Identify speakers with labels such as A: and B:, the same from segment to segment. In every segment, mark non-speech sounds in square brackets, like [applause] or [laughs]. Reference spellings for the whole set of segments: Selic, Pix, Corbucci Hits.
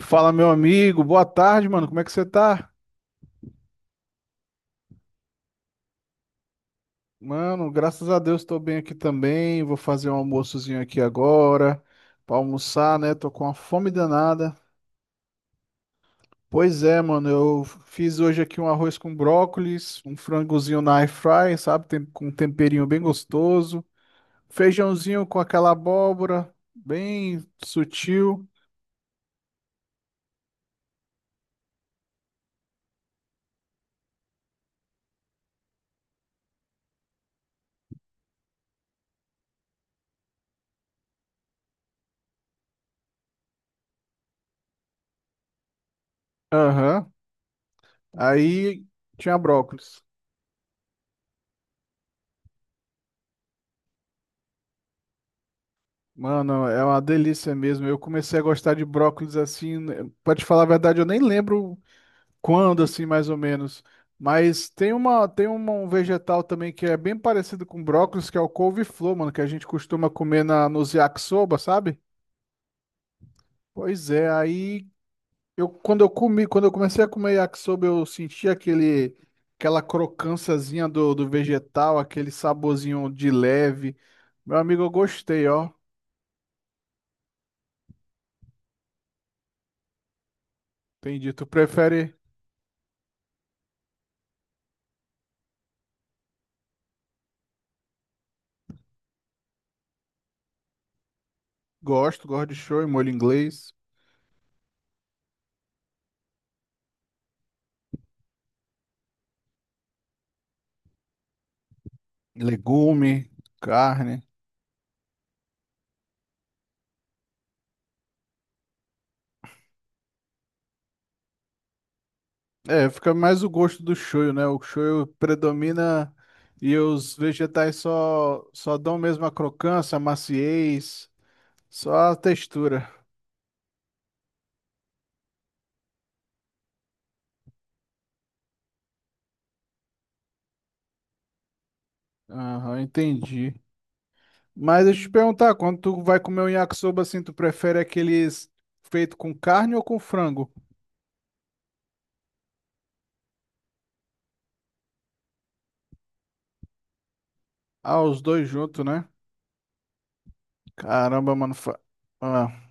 A: Fala, meu amigo. Boa tarde, mano. Como é que você tá? Mano, graças a Deus tô bem aqui também. Vou fazer um almoçozinho aqui agora pra almoçar, né? Tô com uma fome danada. Pois é, mano. Eu fiz hoje aqui um arroz com brócolis, um frangozinho na air fry, sabe? Com um temperinho bem gostoso. Feijãozinho com aquela abóbora, bem sutil. Aham. Aí tinha brócolis. Mano, é uma delícia mesmo. Eu comecei a gostar de brócolis assim, né, pra te falar a verdade, eu nem lembro quando assim, mais ou menos. Mas um vegetal também que é bem parecido com brócolis, que é o couve-flor, mano, que a gente costuma comer na nos yakisoba, sabe? Pois é, aí eu quando eu comi, quando eu comecei a comer yakisoba, eu senti aquele aquela crocânciazinha do vegetal, aquele saborzinho de leve. Meu amigo, eu gostei, ó. Entendi. Tu prefere. Gosto de shoyu, molho inglês, legume, carne. É, fica mais o gosto do shoyu, né? O shoyu predomina e os vegetais só dão mesmo a crocância, a maciez, só a textura. Aham, entendi. Mas deixa eu te perguntar, quando tu vai comer um yakisoba assim, tu prefere aqueles feito com carne ou com frango? Ah, os dois juntos, né? Caramba, mano. Ah.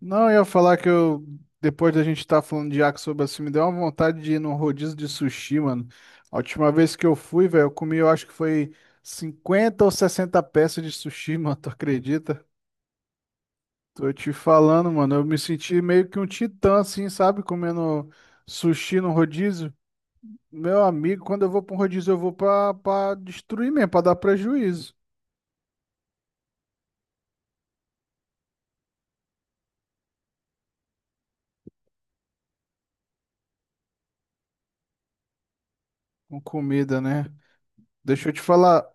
A: Não, eu ia falar que eu, depois da gente estar falando de yakisoba assim, me deu uma vontade de ir num rodízio de sushi, mano. A última vez que eu fui, velho, eu comi, eu acho que foi 50 ou 60 peças de sushi, [laughs] mano, tu acredita? Tô te falando, mano, eu me senti meio que um titã, assim, sabe? Comendo sushi no rodízio. Meu amigo, quando eu vou pra um rodízio, eu vou pra, destruir mesmo, pra dar prejuízo com comida, né? Deixa eu te falar.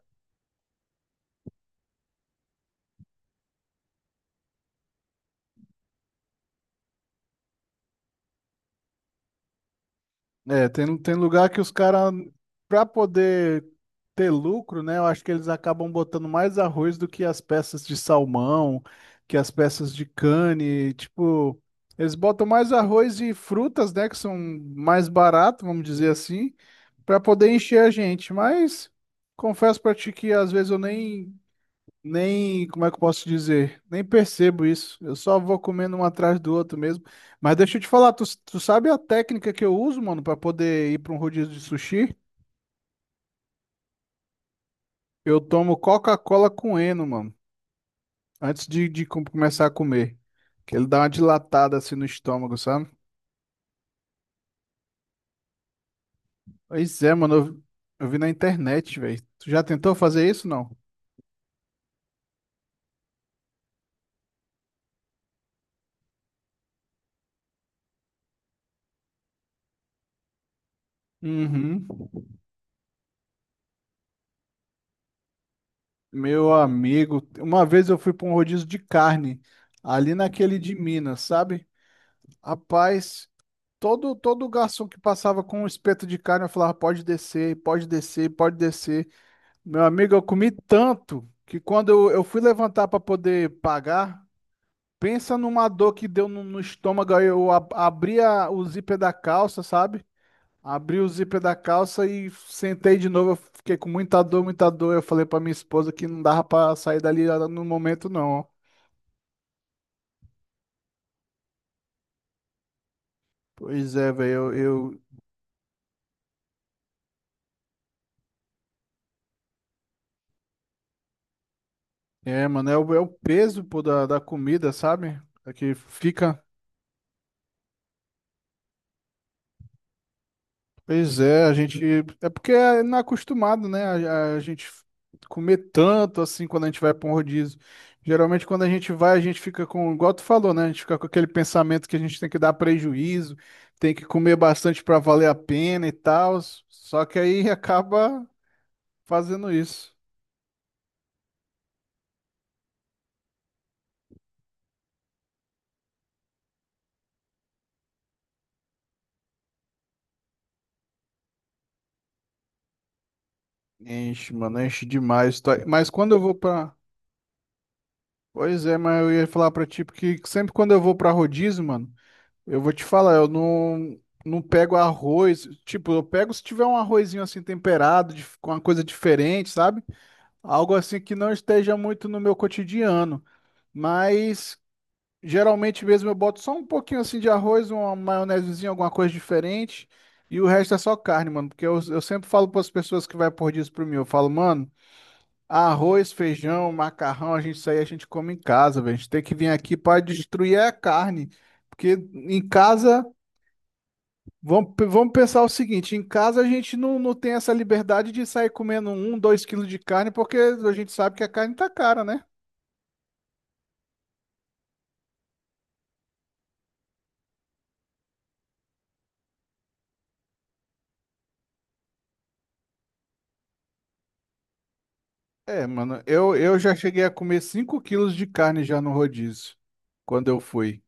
A: É, tem lugar que os caras, para poder ter lucro, né? Eu acho que eles acabam botando mais arroz do que as peças de salmão, que as peças de cane. Tipo, eles botam mais arroz e frutas, né? Que são mais barato, vamos dizer assim, para poder encher a gente. Mas confesso pra ti que às vezes eu nem, como é que eu posso dizer? Nem percebo isso. Eu só vou comendo um atrás do outro mesmo. Mas deixa eu te falar, tu sabe a técnica que eu uso, mano, pra poder ir pra um rodízio de sushi? Eu tomo Coca-Cola com Eno, mano, antes de começar a comer. Que ele dá uma dilatada assim no estômago, sabe? Pois é, mano, eu vi na internet, velho. Tu já tentou fazer isso, não? Uhum. Meu amigo, uma vez eu fui pra um rodízio de carne, ali naquele de Minas, sabe? Rapaz. Todo garçom que passava com um espeto de carne, eu falava, pode descer, pode descer, pode descer. Meu amigo, eu comi tanto que quando eu fui levantar para poder pagar, pensa numa dor que deu no estômago. Aí Eu abri o zíper da calça, sabe? Abri o zíper da calça e sentei de novo. Eu fiquei com muita dor, muita dor. Eu falei para minha esposa que não dava para sair dali no momento, não. Pois é, velho, eu- é, mano, é o peso, pô, da comida, sabe? É que fica. Pois é, a gente. É porque é não é acostumado, né? A gente comer tanto assim quando a gente vai para um rodízio. Geralmente, quando a gente vai, a gente fica com, igual tu falou, né? A gente fica com aquele pensamento que a gente tem que dar prejuízo, tem que comer bastante para valer a pena e tal. Só que aí [laughs] acaba fazendo isso. Enche, mano, enche demais. Mas quando eu vou para. Pois é, mas eu ia falar pra ti, porque sempre quando eu vou pra rodízio, mano. Eu vou te falar, eu não pego arroz. Tipo, eu pego se tiver um arrozinho assim temperado, com uma coisa diferente, sabe? Algo assim que não esteja muito no meu cotidiano. Mas geralmente mesmo eu boto só um pouquinho assim de arroz, uma maionesezinha, alguma coisa diferente. E o resto é só carne, mano. Porque eu sempre falo para as pessoas que vai por disso para mim. Eu falo, mano, arroz, feijão, macarrão, a gente isso aí a gente come em casa, velho. A gente tem que vir aqui para destruir é a carne. Porque em casa. Vamos pensar o seguinte, em casa a gente não tem essa liberdade de sair comendo um, 2 quilos de carne, porque a gente sabe que a carne tá cara, né? É, mano, eu já cheguei a comer 5 quilos de carne já no rodízio, quando eu fui.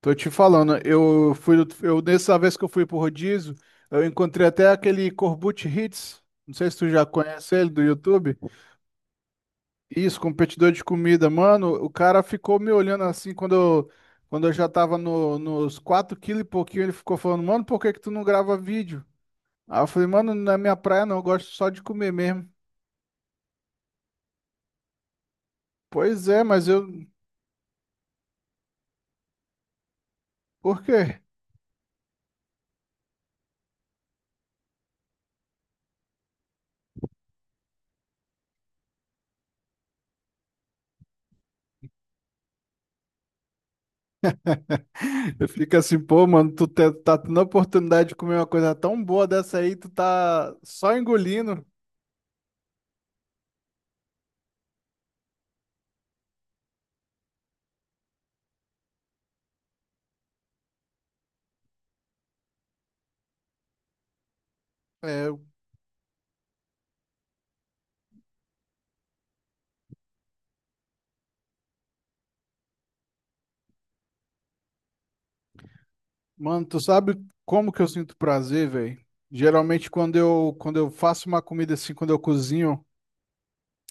A: Tô te falando, nessa vez que eu fui pro rodízio, eu encontrei até aquele Corbucci Hits, não sei se tu já conhece ele do YouTube. Isso, competidor de comida. Mano, o cara ficou me olhando assim quando eu, já tava nos 4 quilos e pouquinho. Ele ficou falando, mano, por que que tu não grava vídeo? Aí eu falei, mano, não é minha praia não, eu gosto só de comer mesmo. Pois é, mas eu. Por quê? [laughs] Eu fico assim, pô, mano, tu tá tendo a oportunidade de comer uma coisa tão boa dessa aí, tu tá só engolindo. É, mano, tu sabe como que eu sinto prazer, velho? Geralmente quando eu faço uma comida assim, quando eu cozinho.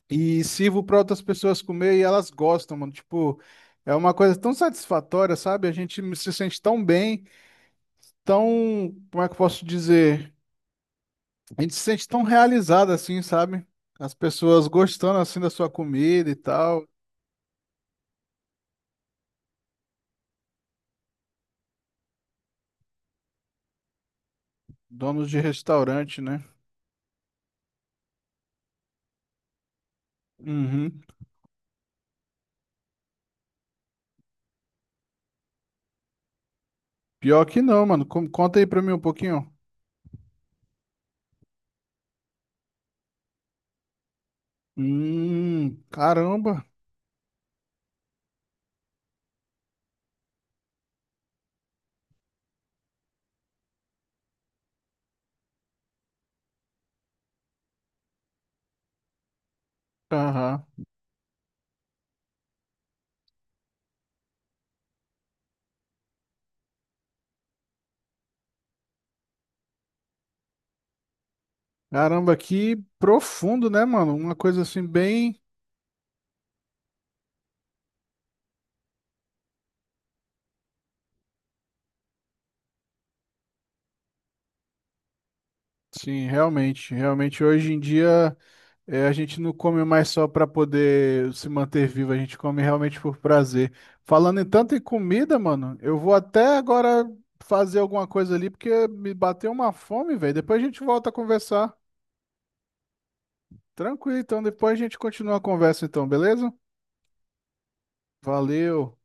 A: E sirvo para outras pessoas comer e elas gostam, mano. Tipo, é uma coisa tão satisfatória, sabe? A gente se sente tão bem, tão, como é que eu posso dizer? A gente se sente tão realizado assim, sabe? As pessoas gostando assim da sua comida e tal, donos de restaurante, né? Uhum. Pior que não, mano. Conta aí pra mim um pouquinho. Caramba. Aham. Caramba, que profundo, né, mano? Uma coisa assim bem. Sim, realmente hoje em dia a gente não come mais só para poder se manter vivo, a gente come realmente por prazer. Falando em tanto em comida, mano, eu vou até agora fazer alguma coisa ali porque me bateu uma fome, velho. Depois a gente volta a conversar. Tranquilo, então depois a gente continua a conversa então, beleza? Valeu.